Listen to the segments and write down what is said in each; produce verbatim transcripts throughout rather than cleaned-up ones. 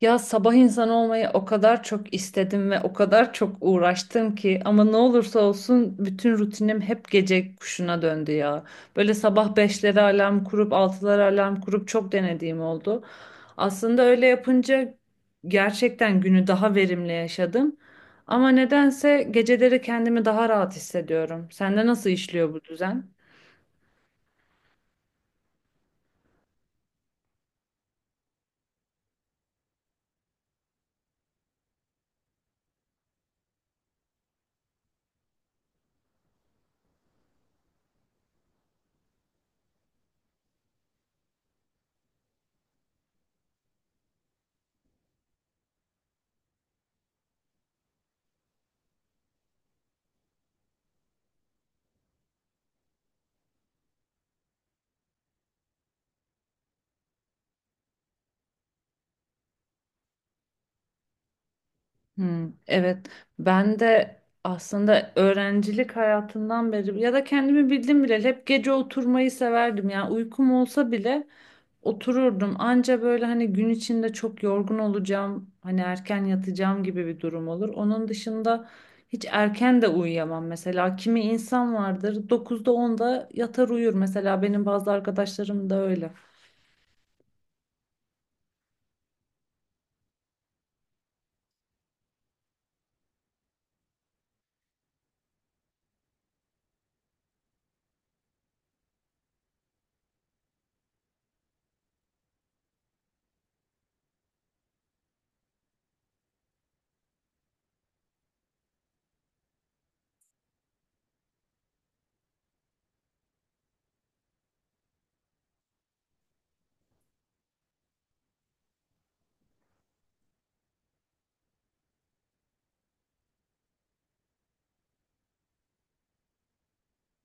Ya sabah insanı olmayı o kadar çok istedim ve o kadar çok uğraştım ki ama ne olursa olsun bütün rutinim hep gece kuşuna döndü ya. Böyle sabah beşlere alarm kurup altılara alarm kurup çok denediğim oldu. Aslında öyle yapınca gerçekten günü daha verimli yaşadım. Ama nedense geceleri kendimi daha rahat hissediyorum. Sende nasıl işliyor bu düzen? Hmm, evet, ben de aslında öğrencilik hayatından beri ya da kendimi bildim bile hep gece oturmayı severdim. Yani uykum olsa bile otururdum. Anca böyle hani gün içinde çok yorgun olacağım, hani erken yatacağım gibi bir durum olur. Onun dışında hiç erken de uyuyamam mesela. Kimi insan vardır dokuzda onda yatar uyur. Mesela benim bazı arkadaşlarım da öyle.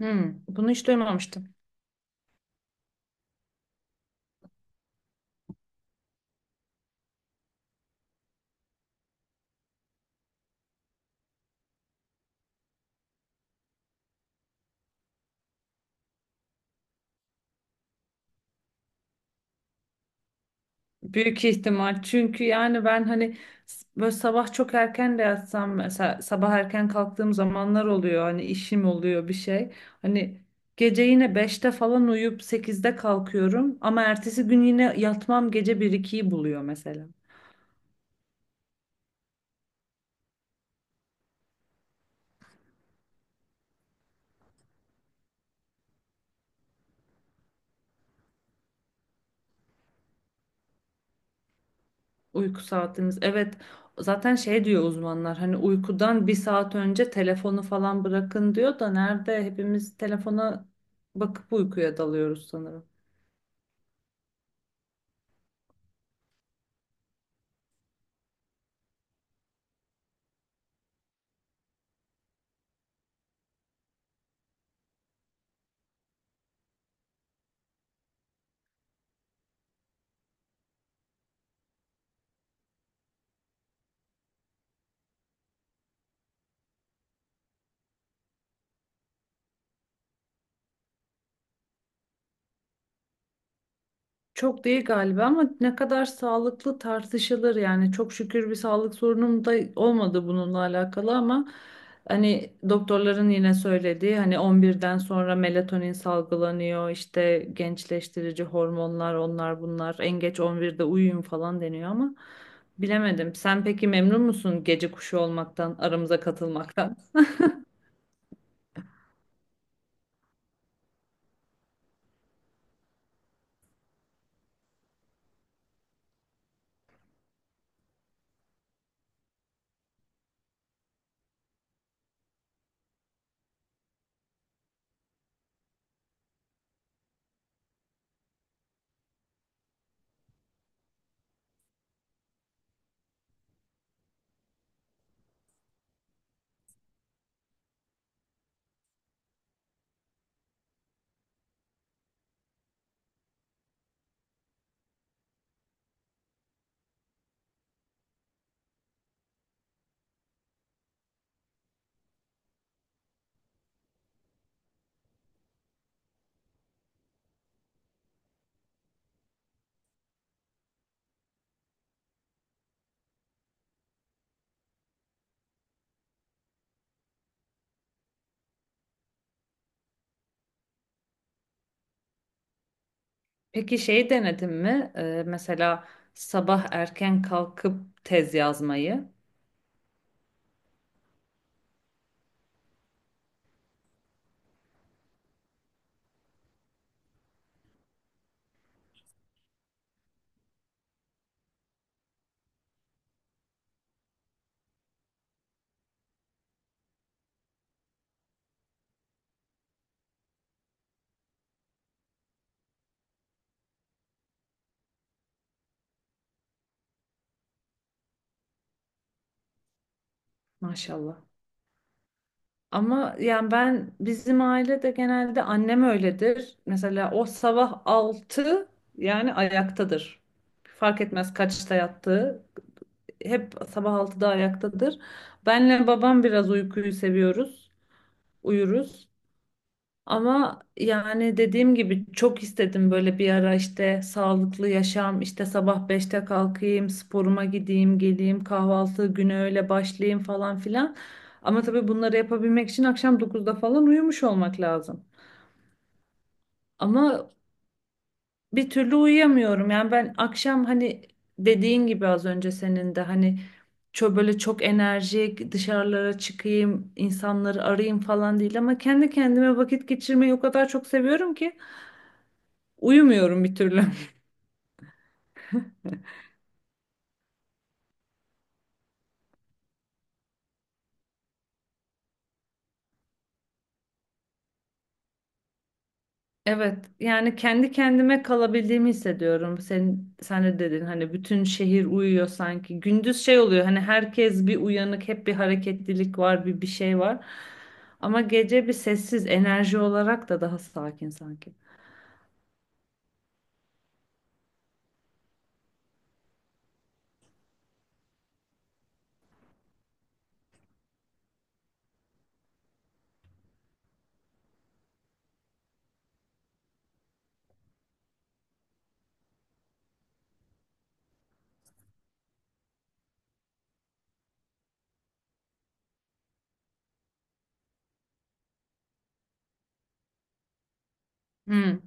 Hmm, bunu hiç duymamıştım. Büyük ihtimal. Çünkü yani ben hani s- böyle sabah çok erken de yatsam mesela sabah erken kalktığım zamanlar oluyor. Hani işim oluyor bir şey. Hani gece yine beşte falan uyuyup sekizde kalkıyorum ama ertesi gün yine yatmam gece bir ikiyi buluyor mesela. Uyku saatimiz. Evet, zaten şey diyor uzmanlar, hani uykudan bir saat önce telefonu falan bırakın diyor da nerede, hepimiz telefona bakıp uykuya dalıyoruz sanırım. Çok değil galiba ama ne kadar sağlıklı tartışılır. Yani çok şükür bir sağlık sorunum da olmadı bununla alakalı ama hani doktorların yine söylediği, hani on birden sonra melatonin salgılanıyor işte, gençleştirici hormonlar onlar bunlar, en geç on birde uyuyun falan deniyor ama bilemedim. Sen peki memnun musun gece kuşu olmaktan, aramıza katılmaktan? Peki şey denedin mi? Ee, mesela sabah erken kalkıp tez yazmayı maşallah. Ama yani ben bizim ailede genelde annem öyledir. Mesela o sabah altı, yani ayaktadır. Fark etmez kaçta yattığı. Hep sabah altıda ayaktadır. Benle babam biraz uykuyu seviyoruz. Uyuruz. Ama yani dediğim gibi çok istedim, böyle bir ara işte sağlıklı yaşam, işte sabah beşte kalkayım, sporuma gideyim, geleyim, kahvaltı güne öyle başlayayım falan filan. Ama tabii bunları yapabilmek için akşam dokuzda falan uyumuş olmak lazım. Ama bir türlü uyuyamıyorum. Yani ben akşam hani, dediğin gibi az önce senin de hani, çok böyle çok enerjik dışarılara çıkayım, insanları arayayım falan değil ama kendi kendime vakit geçirmeyi o kadar çok seviyorum ki uyumuyorum bir türlü. Evet, yani kendi kendime kalabildiğimi hissediyorum. Sen, sen de dedin hani bütün şehir uyuyor sanki. Gündüz şey oluyor, hani herkes bir uyanık, hep bir hareketlilik var, bir bir şey var. Ama gece bir sessiz enerji olarak da daha sakin sanki. Hmm.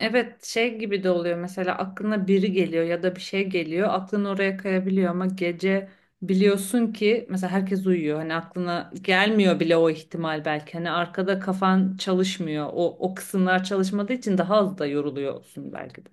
Evet, şey gibi de oluyor mesela, aklına biri geliyor ya da bir şey geliyor, aklın oraya kayabiliyor ama gece biliyorsun ki mesela herkes uyuyor, hani aklına gelmiyor bile o ihtimal. Belki hani arkada kafan çalışmıyor, o, o kısımlar çalışmadığı için daha az da yoruluyorsun belki de.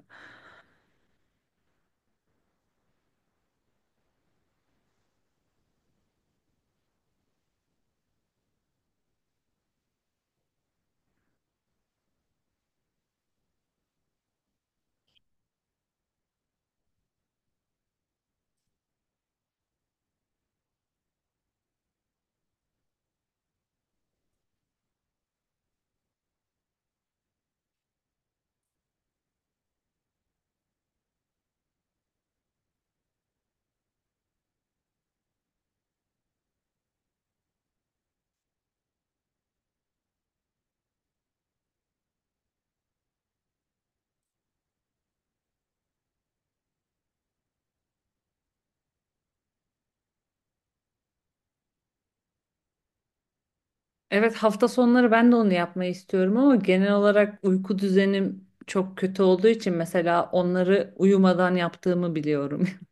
Evet, hafta sonları ben de onu yapmayı istiyorum ama genel olarak uyku düzenim çok kötü olduğu için mesela onları uyumadan yaptığımı biliyorum.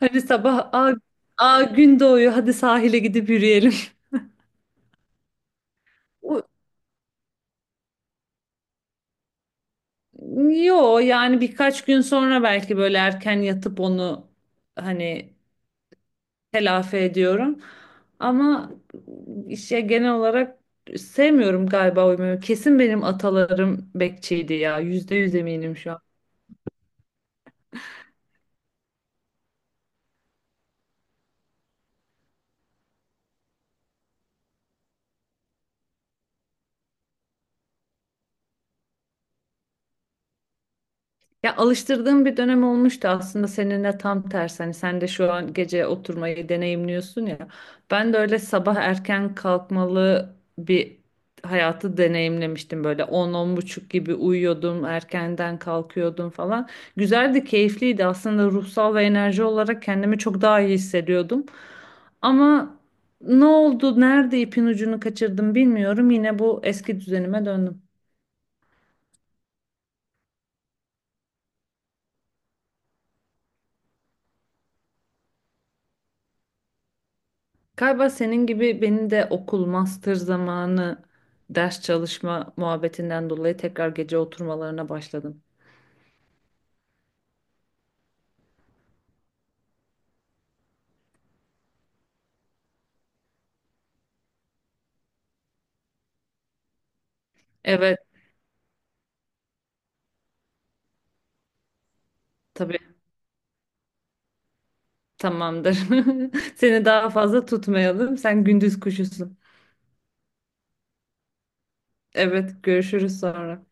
Hani sabah aa, aa gün doğuyor, hadi sahile gidip yürüyelim. Yo, yani birkaç gün sonra belki böyle erken yatıp onu hani telafi ediyorum. Ama işte genel olarak sevmiyorum galiba uyumayı. Kesin benim atalarım bekçiydi ya. Yüzde yüz eminim şu. Ya alıştırdığım bir dönem olmuştu aslında, seninle tam tersi. Hani sen de şu an gece oturmayı deneyimliyorsun ya. Ben de öyle sabah erken kalkmalı bir hayatı deneyimlemiştim. Böyle on buçuk gibi uyuyordum, erkenden kalkıyordum falan. Güzeldi, keyifliydi. Aslında ruhsal ve enerji olarak kendimi çok daha iyi hissediyordum. Ama ne oldu, nerede ipin ucunu kaçırdım bilmiyorum. Yine bu eski düzenime döndüm. Galiba senin gibi benim de okul, master zamanı ders çalışma muhabbetinden dolayı tekrar gece oturmalarına başladım. Evet, tabii, tamamdır. Seni daha fazla tutmayalım. Sen gündüz kuşusun. Evet, görüşürüz sonra.